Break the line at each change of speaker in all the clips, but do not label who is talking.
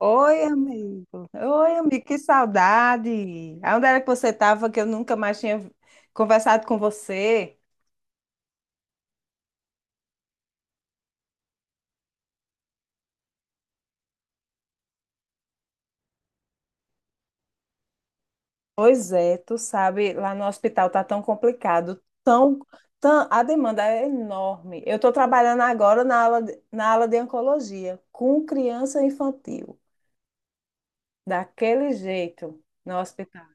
Oi, amigo. Oi, amigo, que saudade. Onde era que você estava que eu nunca mais tinha conversado com você? Pois é, tu sabe, lá no hospital tá tão complicado, a demanda é enorme. Eu estou trabalhando agora na ala de oncologia com criança infantil, daquele jeito, no hospital.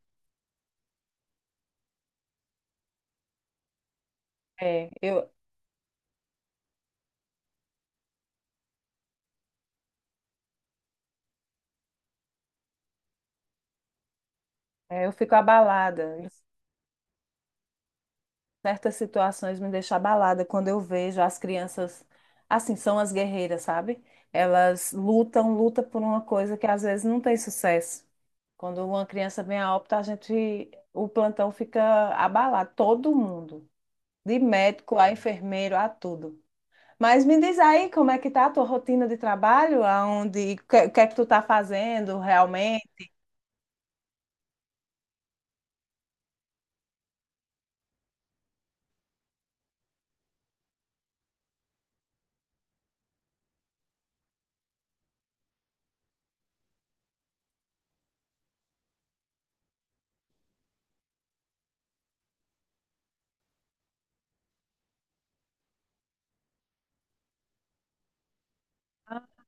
É, eu, é, eu fico abalada. Certas situações me deixam abalada quando eu vejo as crianças, assim, são as guerreiras, sabe? Elas lutam, lutam por uma coisa que às vezes não tem sucesso. Quando uma criança vem a óbito, o plantão fica abalado, todo mundo, de médico a enfermeiro, a tudo. Mas me diz aí como é que tá a tua rotina de trabalho, aonde, o que é que tu tá fazendo realmente? Ah,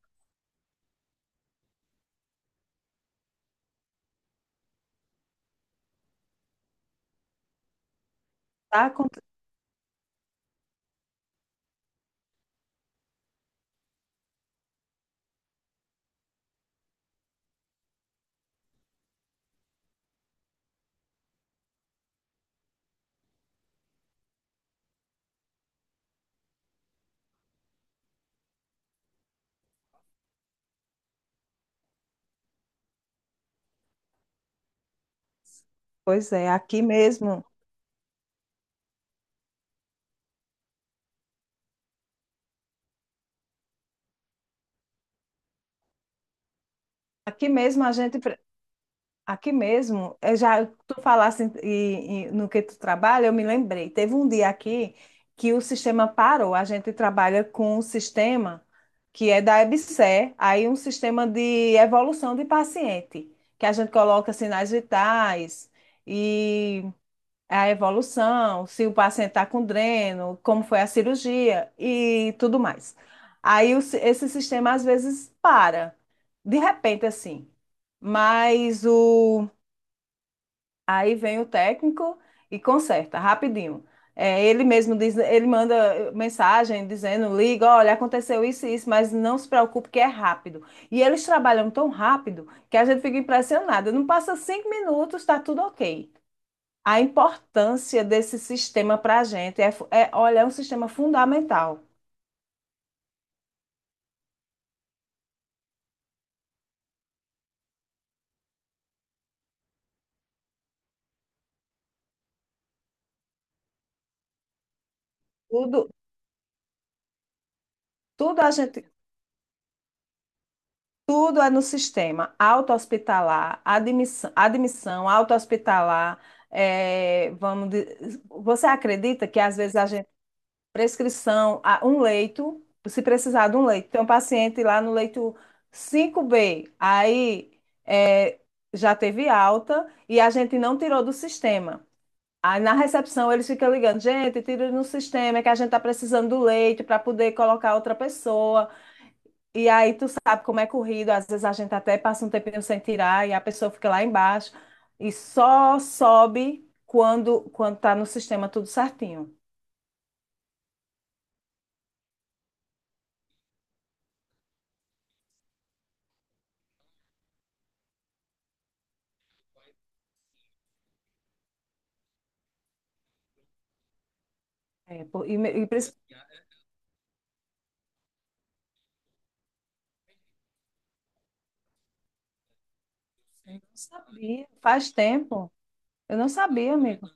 tá, pois é, aqui mesmo. Aqui mesmo a gente. Aqui mesmo, eu já tu falasse no que tu trabalha, eu me lembrei. Teve um dia aqui que o sistema parou. A gente trabalha com um sistema que é da EBSER, aí um sistema de evolução de paciente, que a gente coloca sinais vitais e a evolução, se o paciente está com dreno, como foi a cirurgia e tudo mais. Aí esse sistema às vezes para, de repente assim. Mas o Aí vem o técnico e conserta rapidinho. É, ele mesmo diz, ele manda mensagem dizendo, liga, olha, aconteceu isso e isso, mas não se preocupe que é rápido. E eles trabalham tão rápido que a gente fica impressionada. Não passa 5 minutos, está tudo ok. A importância desse sistema para a gente é, olha, é um sistema fundamental. Tudo, tudo a gente Tudo é no sistema auto-hospitalar, admissão auto-hospitalar. eh, vamos, di- Você acredita que às vezes a gente, prescrição, a um leito, se precisar de um leito, tem um paciente lá no leito 5B, aí já teve alta e a gente não tirou do sistema. Aí na recepção eles ficam ligando, gente, tira no sistema, é que a gente está precisando do leito para poder colocar outra pessoa. E aí tu sabe como é corrido, às vezes a gente até passa um tempinho sem tirar e a pessoa fica lá embaixo e só sobe quando tá no sistema tudo certinho. É, pô, e principalmente eu não sabia, faz tempo. Eu não sabia, amigo.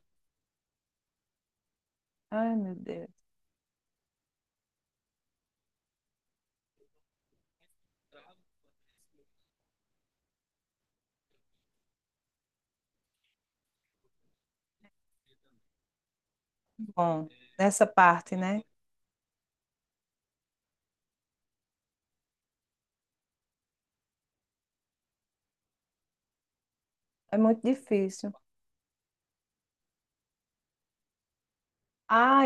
Ai, meu Deus. Bom, nessa parte, né? É muito difícil. Ah,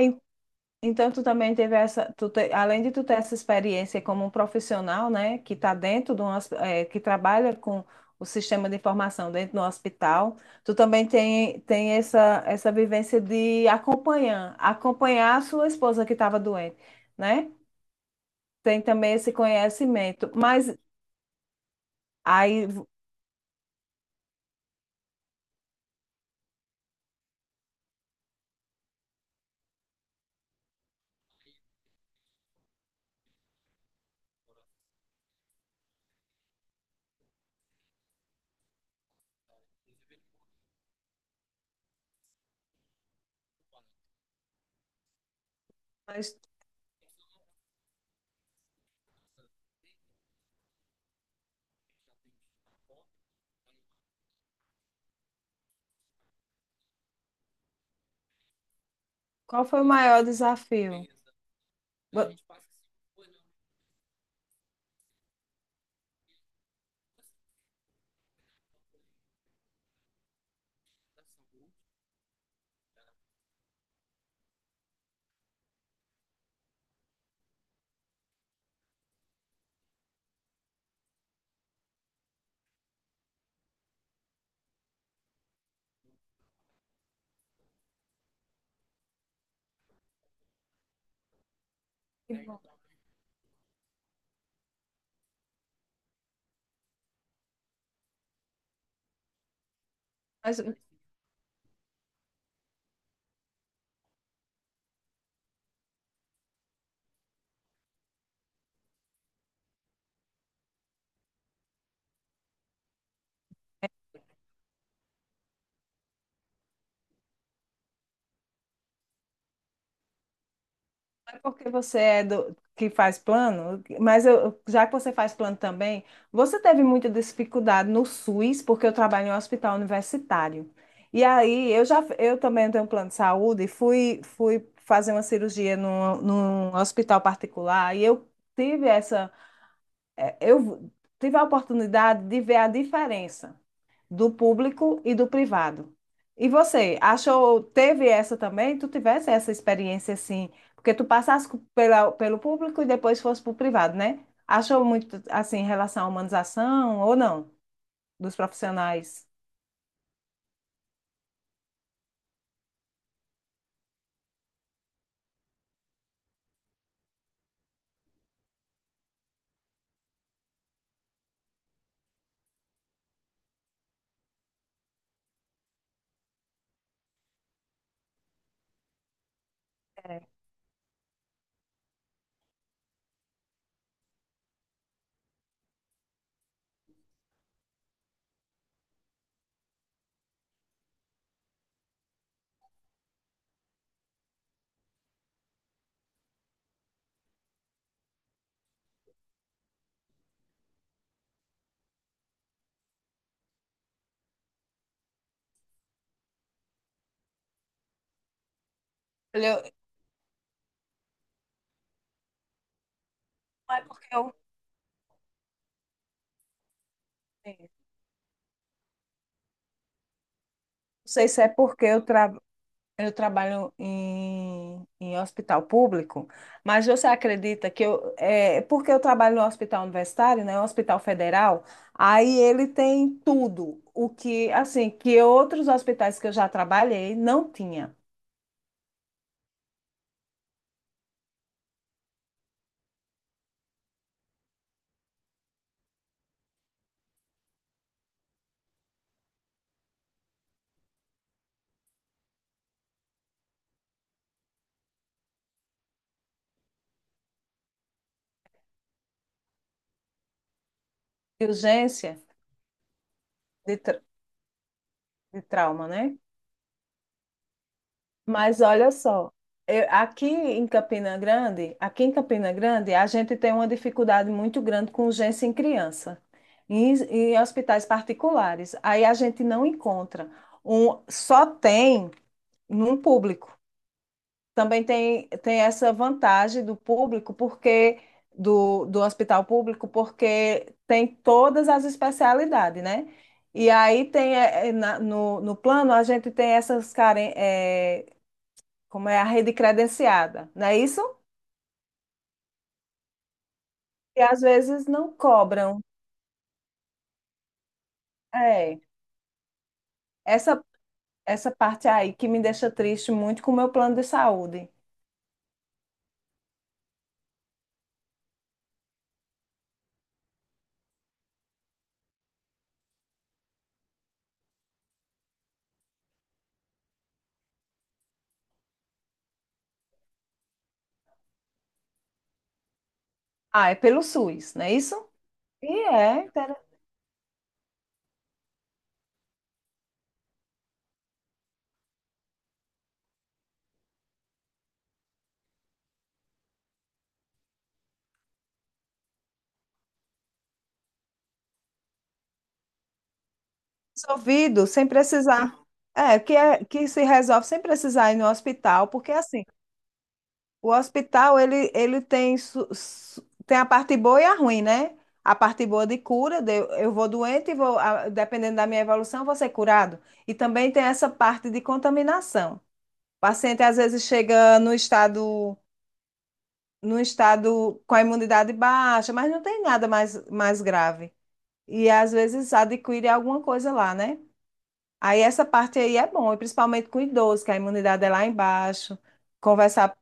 então, tu também teve essa, além de tu ter essa experiência como um profissional, né, que está dentro de um, que trabalha com o sistema de informação dentro do hospital, tu também tem essa vivência de acompanhar a sua esposa que estava doente, né? Tem também esse conhecimento. Aí, mas qual foi o maior desafio? Vo- Mas é porque você é do que faz plano, mas eu, já que você faz plano também, você teve muita dificuldade no SUS, porque eu trabalho em um hospital universitário. E aí eu também tenho um plano de saúde, fui fazer uma cirurgia num hospital particular e eu tive essa eh, eu tive a oportunidade de ver a diferença do público e do privado. E você, achou, teve essa também? Tu tivesse essa experiência assim, porque tu passasse pelo público e depois fosse para o privado, né? Achou muito assim em relação à humanização ou não dos profissionais? Olha, não é porque eu não sei se é porque eu trabalho em hospital público, mas você acredita que porque eu trabalho no hospital universitário, né, um hospital federal, aí ele tem tudo, o que, assim, que outros hospitais que eu já trabalhei não tinha. Urgência de, tra- de trauma, né? Mas olha só, aqui em Campina Grande, a gente tem uma dificuldade muito grande com urgência em criança, em hospitais particulares. Aí a gente não encontra. Um, só tem num público. Também tem essa vantagem do público, porque do hospital público, porque tem todas as especialidades, né? E aí tem no plano a gente tem essas carências como é a rede credenciada, não é isso? E às vezes não cobram. É, essa, essa parte aí que me deixa triste muito com o meu plano de saúde. Ah, é pelo SUS, não é isso? E é, ter- Resolvido sem precisar. É, que se resolve sem precisar ir no hospital, porque assim, O hospital, ele tem a parte boa e a ruim, né? A parte boa de cura, eu vou doente e dependendo da minha evolução, eu vou ser curado. E também tem essa parte de contaminação. O paciente às vezes chega no estado com a imunidade baixa, mas não tem nada mais grave. E às vezes adquire alguma coisa lá, né? Aí essa parte aí é bom, e principalmente com idoso, que a imunidade é lá embaixo. Conversar.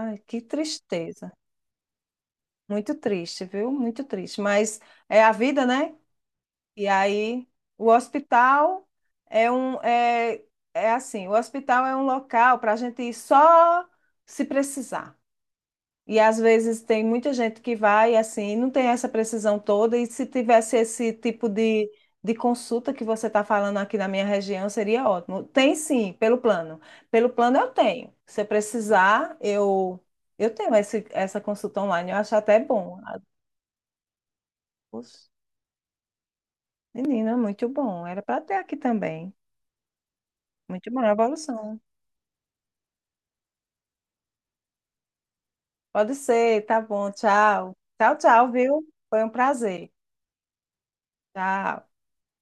Ai, que tristeza. Muito triste, viu? Muito triste. Mas é a vida, né? E aí, o hospital é um. É assim: o hospital é um local para a gente ir só se precisar. E às vezes tem muita gente que vai assim, não tem essa precisão toda. E se tivesse esse tipo de consulta que você está falando aqui na minha região, seria ótimo. Tem sim, pelo plano. Pelo plano eu tenho. Se eu precisar, eu tenho essa consulta online. Eu acho até bom. Menina, muito bom. Era para ter aqui também. Muito bom, é evolução. Pode ser, tá bom. Tchau. Tchau, tchau, viu? Foi um prazer. Tchau.